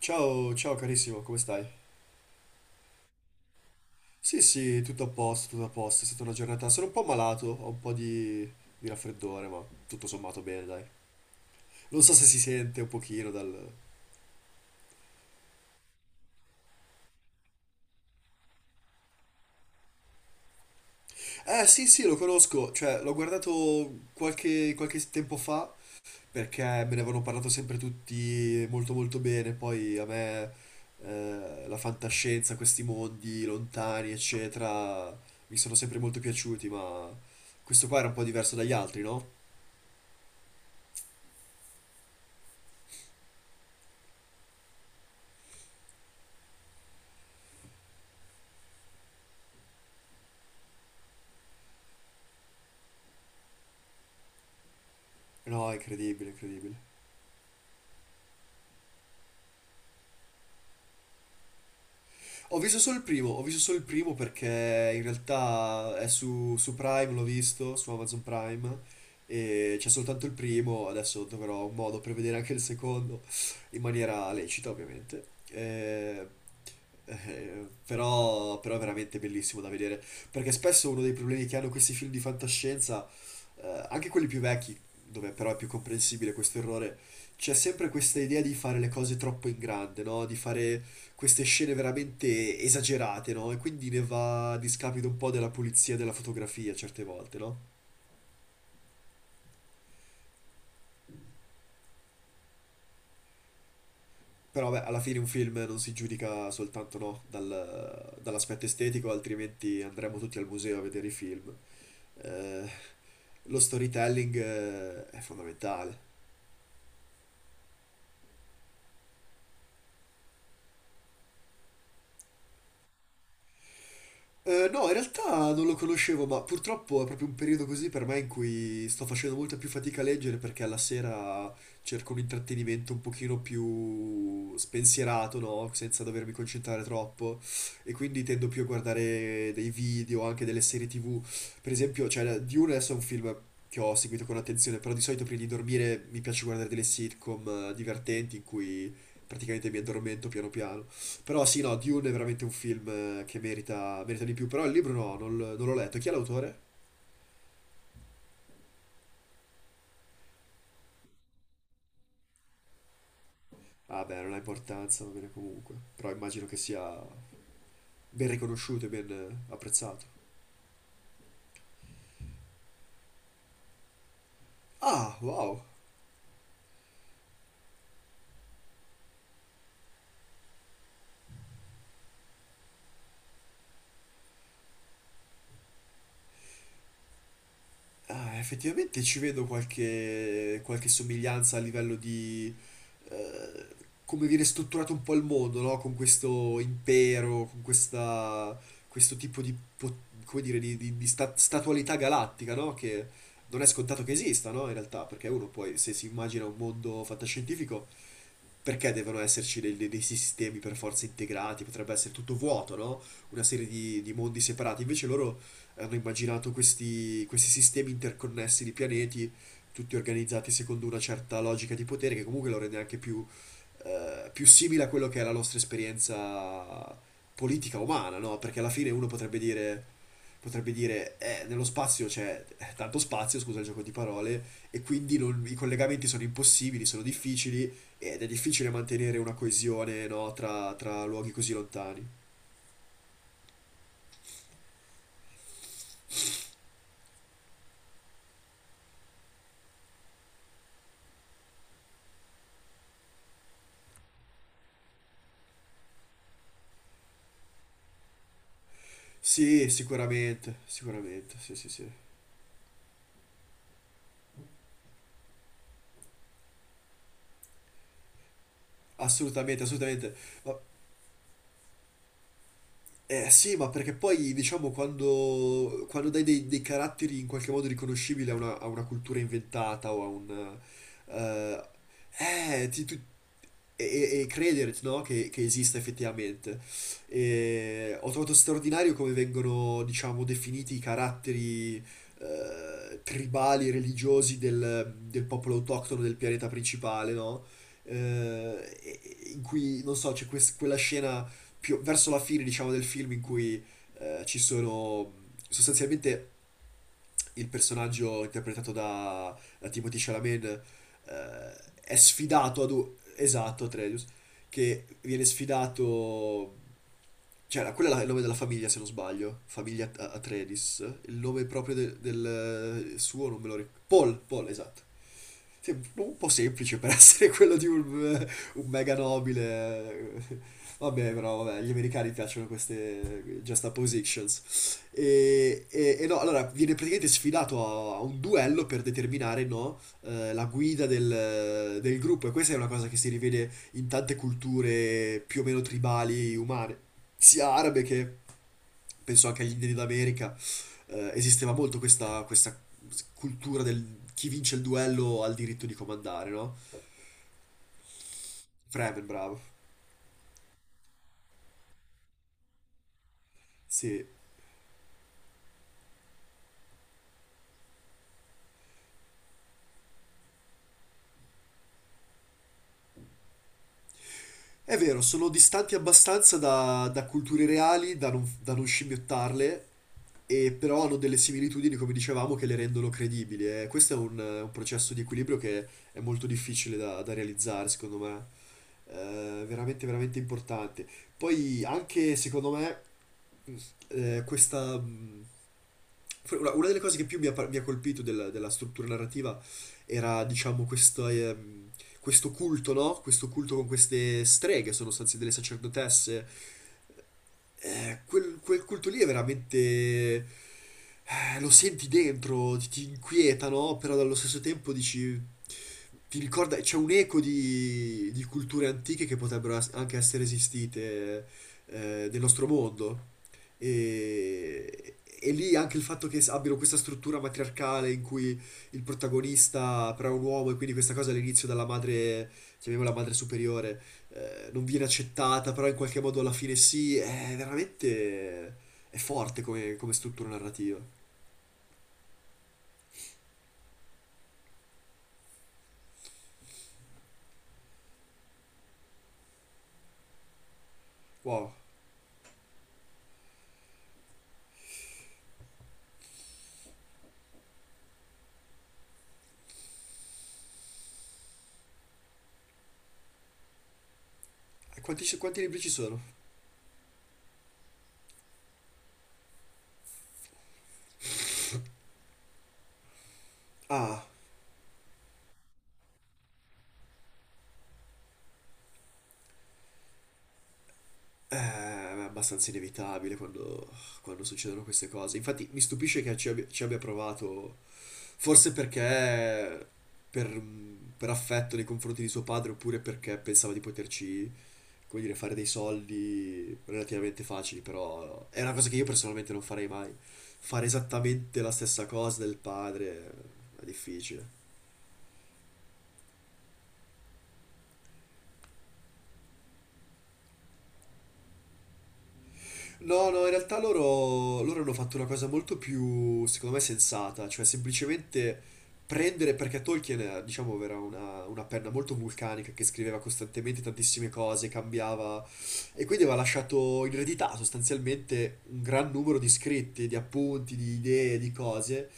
Ciao, ciao carissimo, come stai? Sì, sì, tutto a posto, è stata una giornata, sono un po' malato, ho un po' di raffreddore, ma tutto sommato bene, dai. Non so se si sente un pochino dal... sì, sì, lo conosco, cioè, l'ho guardato qualche tempo fa, perché me ne avevano parlato sempre tutti molto molto bene, poi a me la fantascienza, questi mondi lontani, eccetera, mi sono sempre molto piaciuti, ma questo qua era un po' diverso dagli altri, no? No, è incredibile, incredibile. Ho visto solo il primo, ho visto solo il primo perché in realtà è su Prime, l'ho visto, su Amazon Prime, e c'è soltanto il primo, adesso troverò un modo per vedere anche il secondo, in maniera lecita ovviamente. Però, è veramente bellissimo da vedere, perché spesso uno dei problemi che hanno questi film di fantascienza, anche quelli più vecchi, dove però è più comprensibile questo errore, c'è sempre questa idea di fare le cose troppo in grande, no? Di fare queste scene veramente esagerate, no? E quindi ne va a discapito un po' della pulizia della fotografia certe volte, no? Però vabbè, alla fine un film non si giudica soltanto, no, dall'aspetto estetico, altrimenti andremo tutti al museo a vedere i film. Eh, lo storytelling, è fondamentale. No, in realtà non lo conoscevo, ma purtroppo è proprio un periodo così per me in cui sto facendo molta più fatica a leggere perché alla sera cerco un intrattenimento un pochino più spensierato, no? Senza dovermi concentrare troppo e quindi tendo più a guardare dei video, anche delle serie TV. Per esempio, cioè, Dune adesso è un film che ho seguito con attenzione, però di solito prima di dormire mi piace guardare delle sitcom divertenti in cui praticamente mi addormento piano piano. Però sì, no, Dune è veramente un film che merita, merita di più, però il libro no, non l'ho letto. Chi è l'autore? Ah beh, non ha importanza, va bene comunque. Però immagino che sia ben riconosciuto e ben apprezzato. Ah, wow. Ah, effettivamente ci vedo qualche somiglianza a livello di eh, come viene strutturato un po' il mondo, no? Con questo impero, con questo tipo di, come dire, di statualità galattica, no? Che non è scontato che esista, no? In realtà, perché uno poi se si immagina un mondo fantascientifico perché devono esserci dei sistemi per forza integrati? Potrebbe essere tutto vuoto, no? Una serie di mondi separati. Invece loro hanno immaginato questi sistemi interconnessi di pianeti, tutti organizzati secondo una certa logica di potere, che comunque lo rende anche più, più simile a quello che è la nostra esperienza politica umana, no? Perché alla fine uno potrebbe dire, nello spazio c'è tanto spazio, scusa il gioco di parole, e quindi i collegamenti sono impossibili, sono difficili, ed è difficile mantenere una coesione, no, tra luoghi così lontani. Sì, sicuramente, sicuramente, sì, sì, sì. Assolutamente, assolutamente. Ma eh sì, ma perché poi diciamo quando dai dei caratteri in qualche modo riconoscibili a a una cultura inventata o a un... eh, eh, ti- tu- e credere, no, che esista effettivamente. E ho trovato straordinario come vengono, diciamo, definiti i caratteri tribali, religiosi del popolo autoctono del pianeta principale, no? Eh, in cui, non so, quella scena più verso la fine, diciamo, del film in cui ci sono sostanzialmente il personaggio interpretato da Timothée Chalamet eh, è sfidato ad un... esatto, Atreus, che viene sfidato cioè, il nome della famiglia, se non sbaglio. Famiglia Atreides. Il nome proprio de- del suo non me lo ricordo. Paul, Paul, esatto. Sì, un po' semplice per essere quello di un mega nobile. Vabbè, però vabbè, gli americani piacciono queste juxtapositions. No, allora viene praticamente sfidato a un duello per determinare, no, la guida del gruppo. E questa è una cosa che si rivede in tante culture più o meno tribali umane, sia arabe che penso anche agli indiani d'America esisteva molto questa cultura del chi vince il duello ha il diritto di comandare, no? Fremen, bravo. Sì, è vero, sono distanti abbastanza da culture reali da non scimmiottarle, e però hanno delle similitudini, come dicevamo, che le rendono credibili. E questo è un processo di equilibrio che è molto difficile da realizzare, secondo me. Veramente, veramente importante. Poi anche, secondo me, questa... una delle cose che più mi ha, mi ha colpito della struttura narrativa era, diciamo, questo culto, no? Questo culto con queste streghe, sono state delle sacerdotesse. Quel culto lì è veramente... lo senti dentro, ti inquieta, no? Però allo stesso tempo dici... Ti ricorda, c'è un eco di culture antiche che potrebbero anche essere esistite nel nostro mondo. E, lì anche il fatto che abbiano questa struttura matriarcale in cui il protagonista però è un uomo e quindi questa cosa all'inizio dalla madre, chiamiamola madre superiore, non viene accettata, però in qualche modo alla fine sì, è veramente è forte come, come struttura narrativa. Wow. E quanti, quanti libri ci sono? Ah, è abbastanza inevitabile quando succedono queste cose. Infatti mi stupisce che ci abbia provato, forse perché per, per affetto nei confronti di suo padre, oppure perché pensava di poterci come dire, fare dei soldi relativamente facili, però è una cosa che io personalmente non farei mai. Fare esattamente la stessa cosa del padre è difficile. No, no, in realtà loro hanno fatto una cosa molto più, secondo me, sensata, cioè semplicemente prendere, perché Tolkien, diciamo, era una penna molto vulcanica che scriveva costantemente tantissime cose, cambiava, e quindi aveva lasciato in eredità sostanzialmente un gran numero di scritti, di appunti, di idee, di cose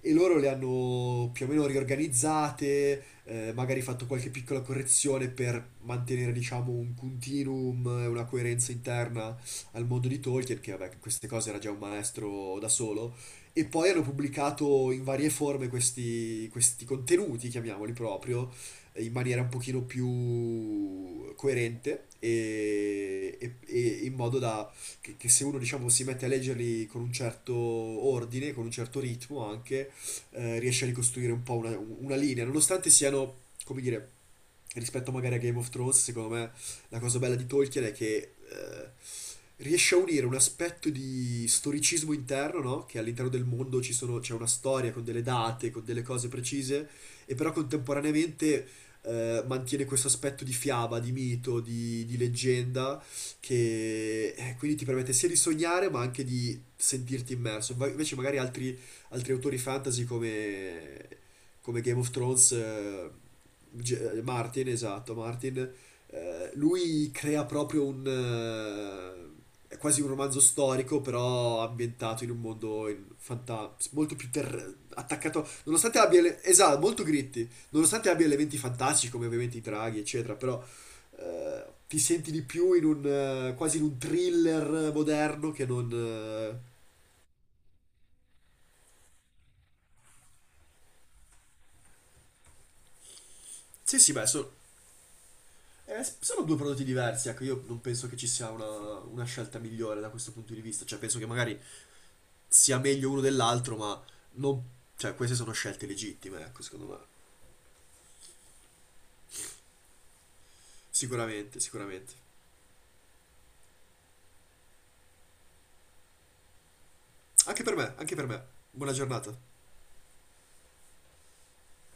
e loro le hanno più o meno riorganizzate, magari fatto qualche piccola correzione per mantenere, diciamo, un continuum e una coerenza interna al mondo di Tolkien, che vabbè, queste cose era già un maestro da solo, e poi hanno pubblicato in varie forme questi contenuti, chiamiamoli proprio, in maniera un pochino più coerente e in modo da che se uno, diciamo, si mette a leggerli con un certo ordine, con un certo ritmo anche, riesce a ricostruire un po' una linea, nonostante siano, come dire, rispetto magari a Game of Thrones, secondo me la cosa bella di Tolkien è che riesce a unire un aspetto di storicismo interno, no? Che all'interno del mondo c'è una storia con delle date, con delle cose precise, e però contemporaneamente mantiene questo aspetto di fiaba, di mito, di leggenda, che quindi ti permette sia di sognare ma anche di sentirti immerso. Invece magari altri altri autori fantasy come, come Game of Thrones, Martin, esatto, Martin, lui crea proprio un... è quasi un romanzo storico, però ambientato in un mondo in molto più attaccato, nonostante abbia, esatto, molto gritti, nonostante abbia elementi fantastici come ovviamente i draghi, eccetera, però ti senti di più in un quasi in un thriller moderno che non... sì, sì, beh, sono due prodotti diversi, ecco, io non penso che ci sia una scelta migliore da questo punto di vista, cioè penso che magari sia meglio uno dell'altro, ma non... cioè queste sono scelte legittime, ecco, secondo me. Sicuramente, sicuramente. Anche per me, anche per me. Buona giornata.